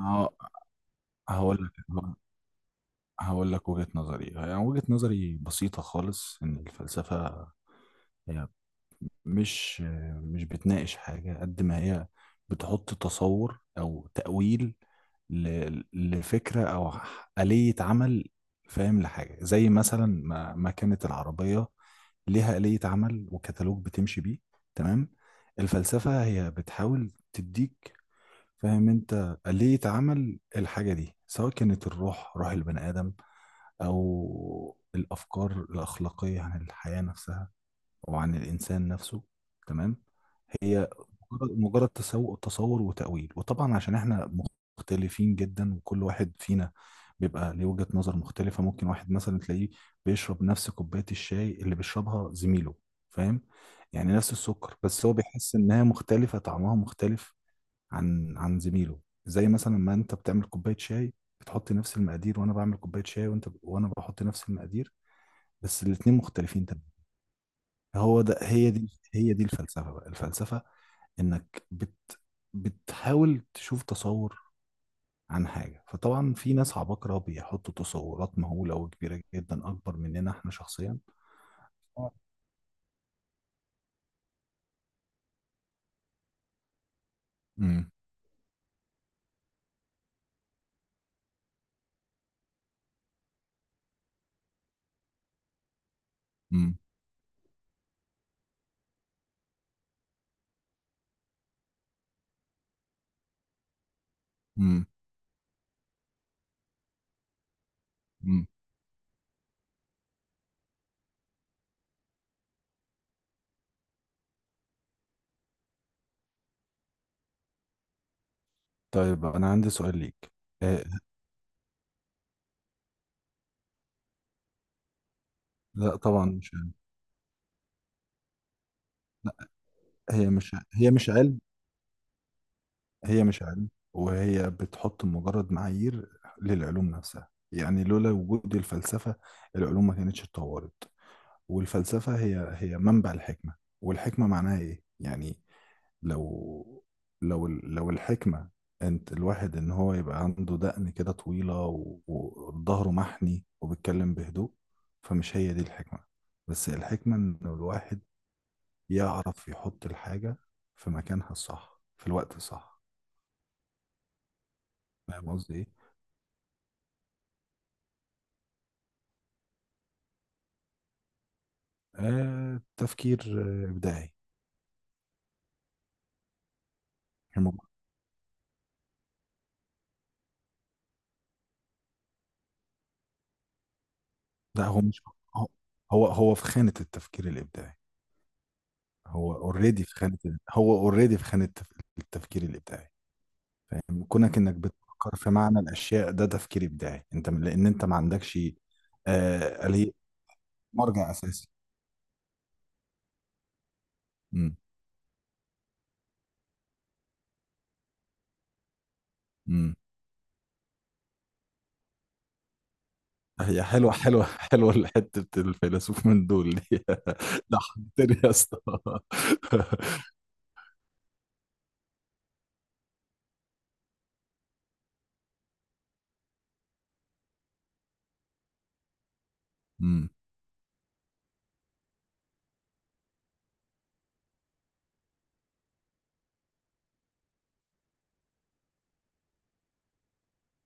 هو- هقول لك هقول لك وجهة نظري، يعني وجهة نظري بسيطة خالص إن الفلسفة هي مش مش بتناقش حاجة قد ما هي بتحط تصور أو تأويل لفكرة أو آلية عمل، فاهم؟ لحاجة زي مثلا ما كانت العربية ليها آلية عمل وكتالوج بتمشي بيه، تمام؟ الفلسفة هي بتحاول تديك فاهم انت ليه اتعمل الحاجة دي، سواء كانت الروح روح البني آدم أو الأفكار الأخلاقية عن الحياة نفسها أو عن الإنسان نفسه، تمام؟ هي مجرد تصور وتأويل. وطبعا عشان احنا مختلفين جدا وكل واحد فينا بيبقى ليه وجهة نظر مختلفة. ممكن واحد مثلا تلاقيه بيشرب نفس كوباية الشاي اللي بيشربها زميله، فاهم؟ يعني نفس السكر، بس هو بيحس إنها مختلفة، طعمها مختلف عن زميله. زي مثلا ما انت بتعمل كوبايه شاي بتحط نفس المقادير، وانا بعمل كوبايه شاي، وانا بحط نفس المقادير، بس الاتنين مختلفين تماما. هو ده هي دي الفلسفه بقى. الفلسفه انك بتحاول تشوف تصور عن حاجه، فطبعا في ناس عباقره بيحطوا تصورات مهوله وكبيره جدا، اكبر مننا احنا شخصيا. آه. امم امم امم امم طيب انا عندي سؤال ليك. آه، لا طبعا، مش علم. هي مش علم. هي مش علم، وهي بتحط مجرد معايير للعلوم نفسها. يعني لولا وجود الفلسفة العلوم ما كانتش اتطورت. والفلسفة هي منبع الحكمة. والحكمة معناها ايه يعني؟ لو لو الحكمة انت الواحد ان هو يبقى عنده دقن كده طويلة وظهره محني وبيتكلم بهدوء، فمش هي دي الحكمة. بس الحكمة ان الواحد يعرف يحط الحاجة في مكانها الصح في الوقت الصح، فاهم قصدي ايه؟ آه، تفكير إبداعي. هم- لا، هو مش هو هو هو في خانة التفكير الإبداعي. هو اوريدي في خانة التفكير الإبداعي، فاهم؟ كونك إنك بتفكر في معنى الأشياء، ده تفكير إبداعي. أنت لأن أنت ما عندكش آلية مرجع أساسي. امم امم هي حلوة حتة الفيلسوف من دول دي. ضحكتني يا اسطى. امم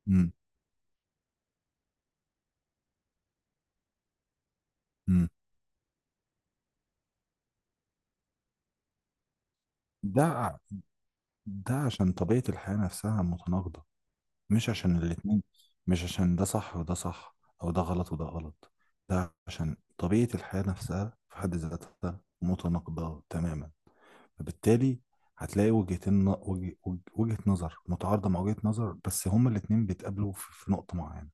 امم امم ده، عشان طبيعة الحياة نفسها متناقضة، مش عشان الاتنين، مش عشان ده صح وده صح، أو ده غلط وده غلط. ده عشان طبيعة الحياة نفسها في حد ذاتها متناقضة تماما. فبالتالي هتلاقي وجهتين، وجهة نظر متعارضة مع وجهة نظر، بس هما الاتنين بيتقابلوا في نقطة معينة.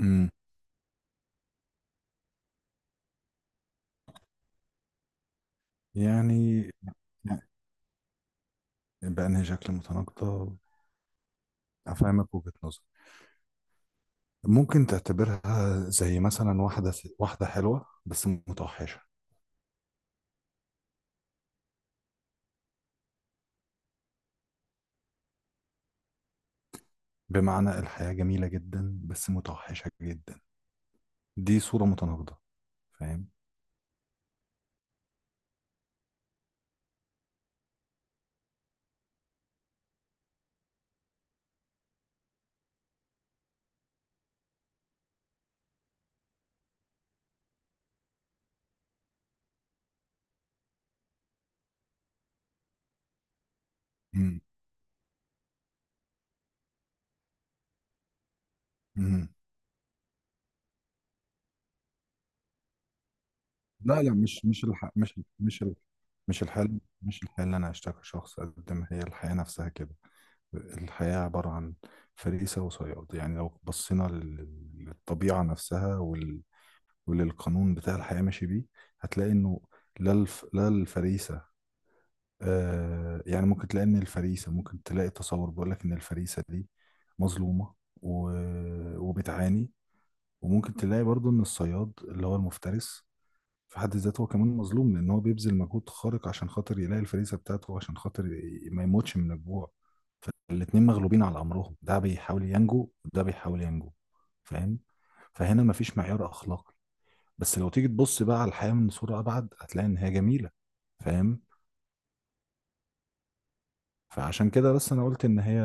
امم. يعني بأنهي شكل متناقضة؟ أفهمك وجهة نظر. ممكن تعتبرها زي مثلا واحدة حلوة بس متوحشة. بمعنى الحياة جميلة جدا بس متوحشة جدا. دي صورة متناقضة، فاهم؟ مم. مم. لا مش الحياة، مش الحياة اللي أنا عشتها كشخص، قد ما هي الحياة نفسها كده. الحياة عبارة عن فريسة وصياد. يعني لو بصينا للطبيعة نفسها وللقانون بتاع الحياة ماشي بيه، هتلاقي إنه لا الفريسة، آه يعني ممكن تلاقي ان الفريسه، ممكن تلاقي تصور بيقول لك ان الفريسه دي مظلومه و... وبتعاني. وممكن تلاقي برضو ان الصياد اللي هو المفترس في حد ذاته هو كمان مظلوم، لان هو بيبذل مجهود خارق عشان خاطر يلاقي الفريسه بتاعته، عشان خاطر ما يموتش من الجوع. الاتنين مغلوبين على امرهم، ده بيحاول ينجو وده بيحاول ينجو، فاهم؟ فهنا مفيش معيار اخلاقي. بس لو تيجي تبص بقى على الحياه من صوره ابعد هتلاقي ان هي جميله، فاهم؟ فعشان كده بس انا قلت ان هي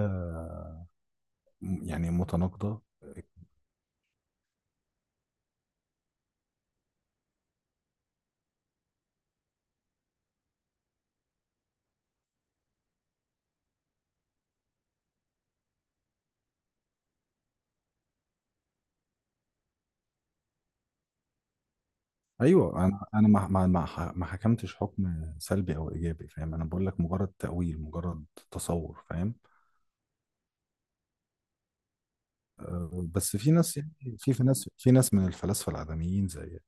يعني متناقضة. ايوه، انا ما حكمتش حكم سلبي او ايجابي، فاهم؟ انا بقول لك مجرد تأويل، مجرد تصور، فاهم؟ أه، بس في ناس يعني، في ناس من الفلاسفة العدميين زي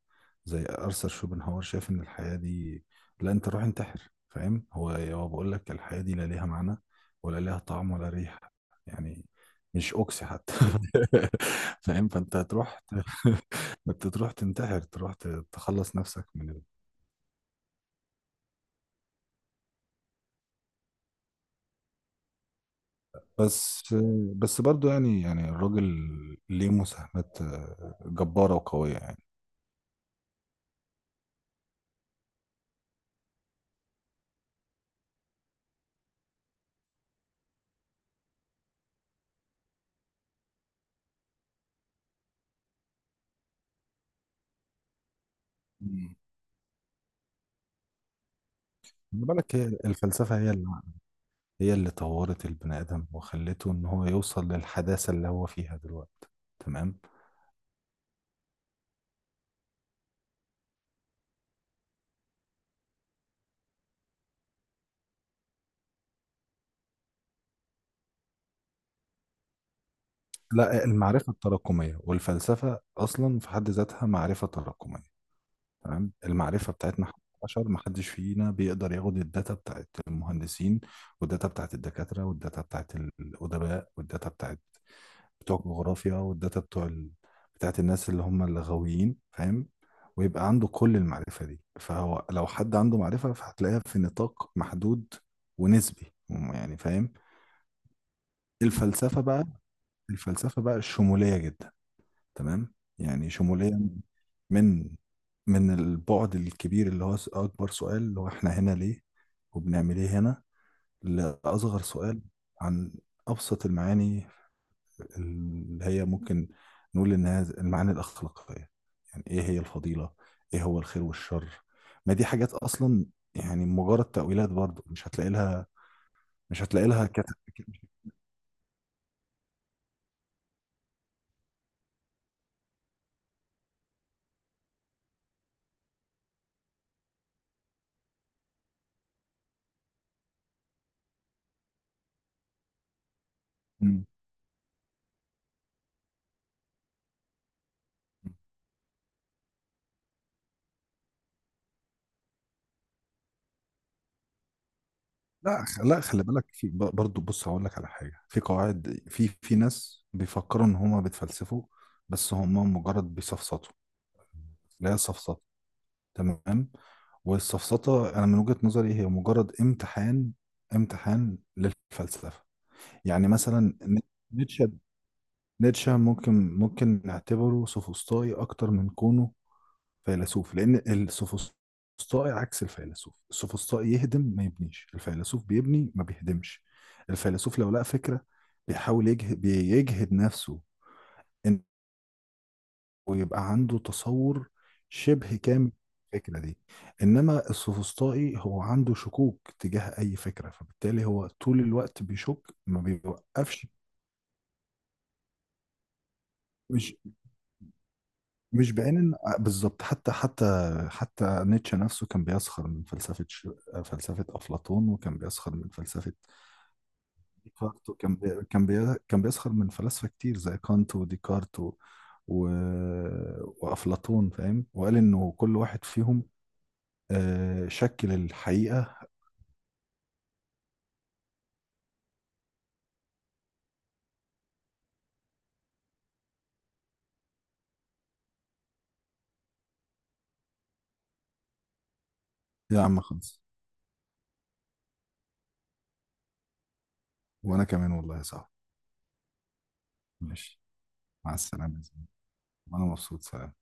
ارثر شوبنهاور، شايف ان الحياة دي، لا انت روح انتحر، فاهم؟ هو بقول لك الحياة دي لا ليها معنى ولا ليها طعم ولا ريحة، يعني مش اوكسي حتى. فاهم؟ فانت انت تروح تنتحر، تروح تخلص نفسك من، بس بس برضو يعني، يعني الراجل ليه مساهمات جبارة وقوية يعني. مم. خلي بالك، هي الفلسفة هي اللي طورت البني آدم وخلته إن هو يوصل للحداثة اللي هو فيها دلوقتي، تمام؟ لا، المعرفة التراكمية، والفلسفة أصلا في حد ذاتها معرفة تراكمية، تمام؟ المعرفة بتاعتنا إحنا البشر، محدش فينا بيقدر ياخد الداتا بتاعت المهندسين والداتا بتاعت الدكاترة والداتا بتاعت الأدباء والداتا بتاعت بتوع الجغرافيا بتاعت الناس اللي هم الغاويين، فاهم؟ ويبقى عنده كل المعرفة دي. فهو لو حد عنده معرفة فهتلاقيها في نطاق محدود ونسبي يعني، فاهم؟ الفلسفة بقى، الفلسفة بقى شمولية جدا، تمام؟ يعني شمولية من البعد الكبير اللي هو أكبر سؤال، اللي هو إحنا هنا ليه وبنعمل إيه هنا، لأصغر سؤال عن أبسط المعاني اللي هي ممكن نقول إنها المعاني الأخلاقية. يعني إيه هي الفضيلة؟ إيه هو الخير والشر؟ ما دي حاجات أصلا يعني مجرد تأويلات، برضو مش هتلاقي لها، مش هتلاقي لها كت... مم. لا خلي بالك، برضو بص هقول لك على حاجة، في قواعد، في في ناس بيفكروا ان هما بيتفلسفوا بس هما مجرد بيسفسطوا. لا، سفسطة، تمام؟ والسفسطة انا من وجهة نظري هي مجرد امتحان، امتحان للفلسفة. يعني مثلا، نيتشه نيتشه ممكن، نعتبره سوفسطائي اكتر من كونه فيلسوف، لان السوفسطائي عكس الفيلسوف. السوفسطائي يهدم ما يبنيش، الفيلسوف بيبني ما بيهدمش. الفيلسوف لو لقى فكرة بيحاول يجهد، بيجهد نفسه انه يبقى عنده تصور شبه كامل الفكرة دي. انما السوفسطائي هو عنده شكوك تجاه اي فكرة، فبالتالي هو طول الوقت بيشك، ما بيوقفش. مش مش بعين بالظبط. حتى حتى نيتشه نفسه كان بيسخر من فلسفة أفلاطون، وكان بيسخر من فلسفة ديكارت، وكان بي... كان بي... كان بيسخر من فلاسفة كتير زي كانت وديكارت و... وأفلاطون، فاهم؟ وقال إنه كل واحد فيهم شكل الحقيقة. يا عم خلص، وأنا كمان والله يا صاحبي. ماشي، مع السلامة يا زميلي. وأنا مبسوط، سلام.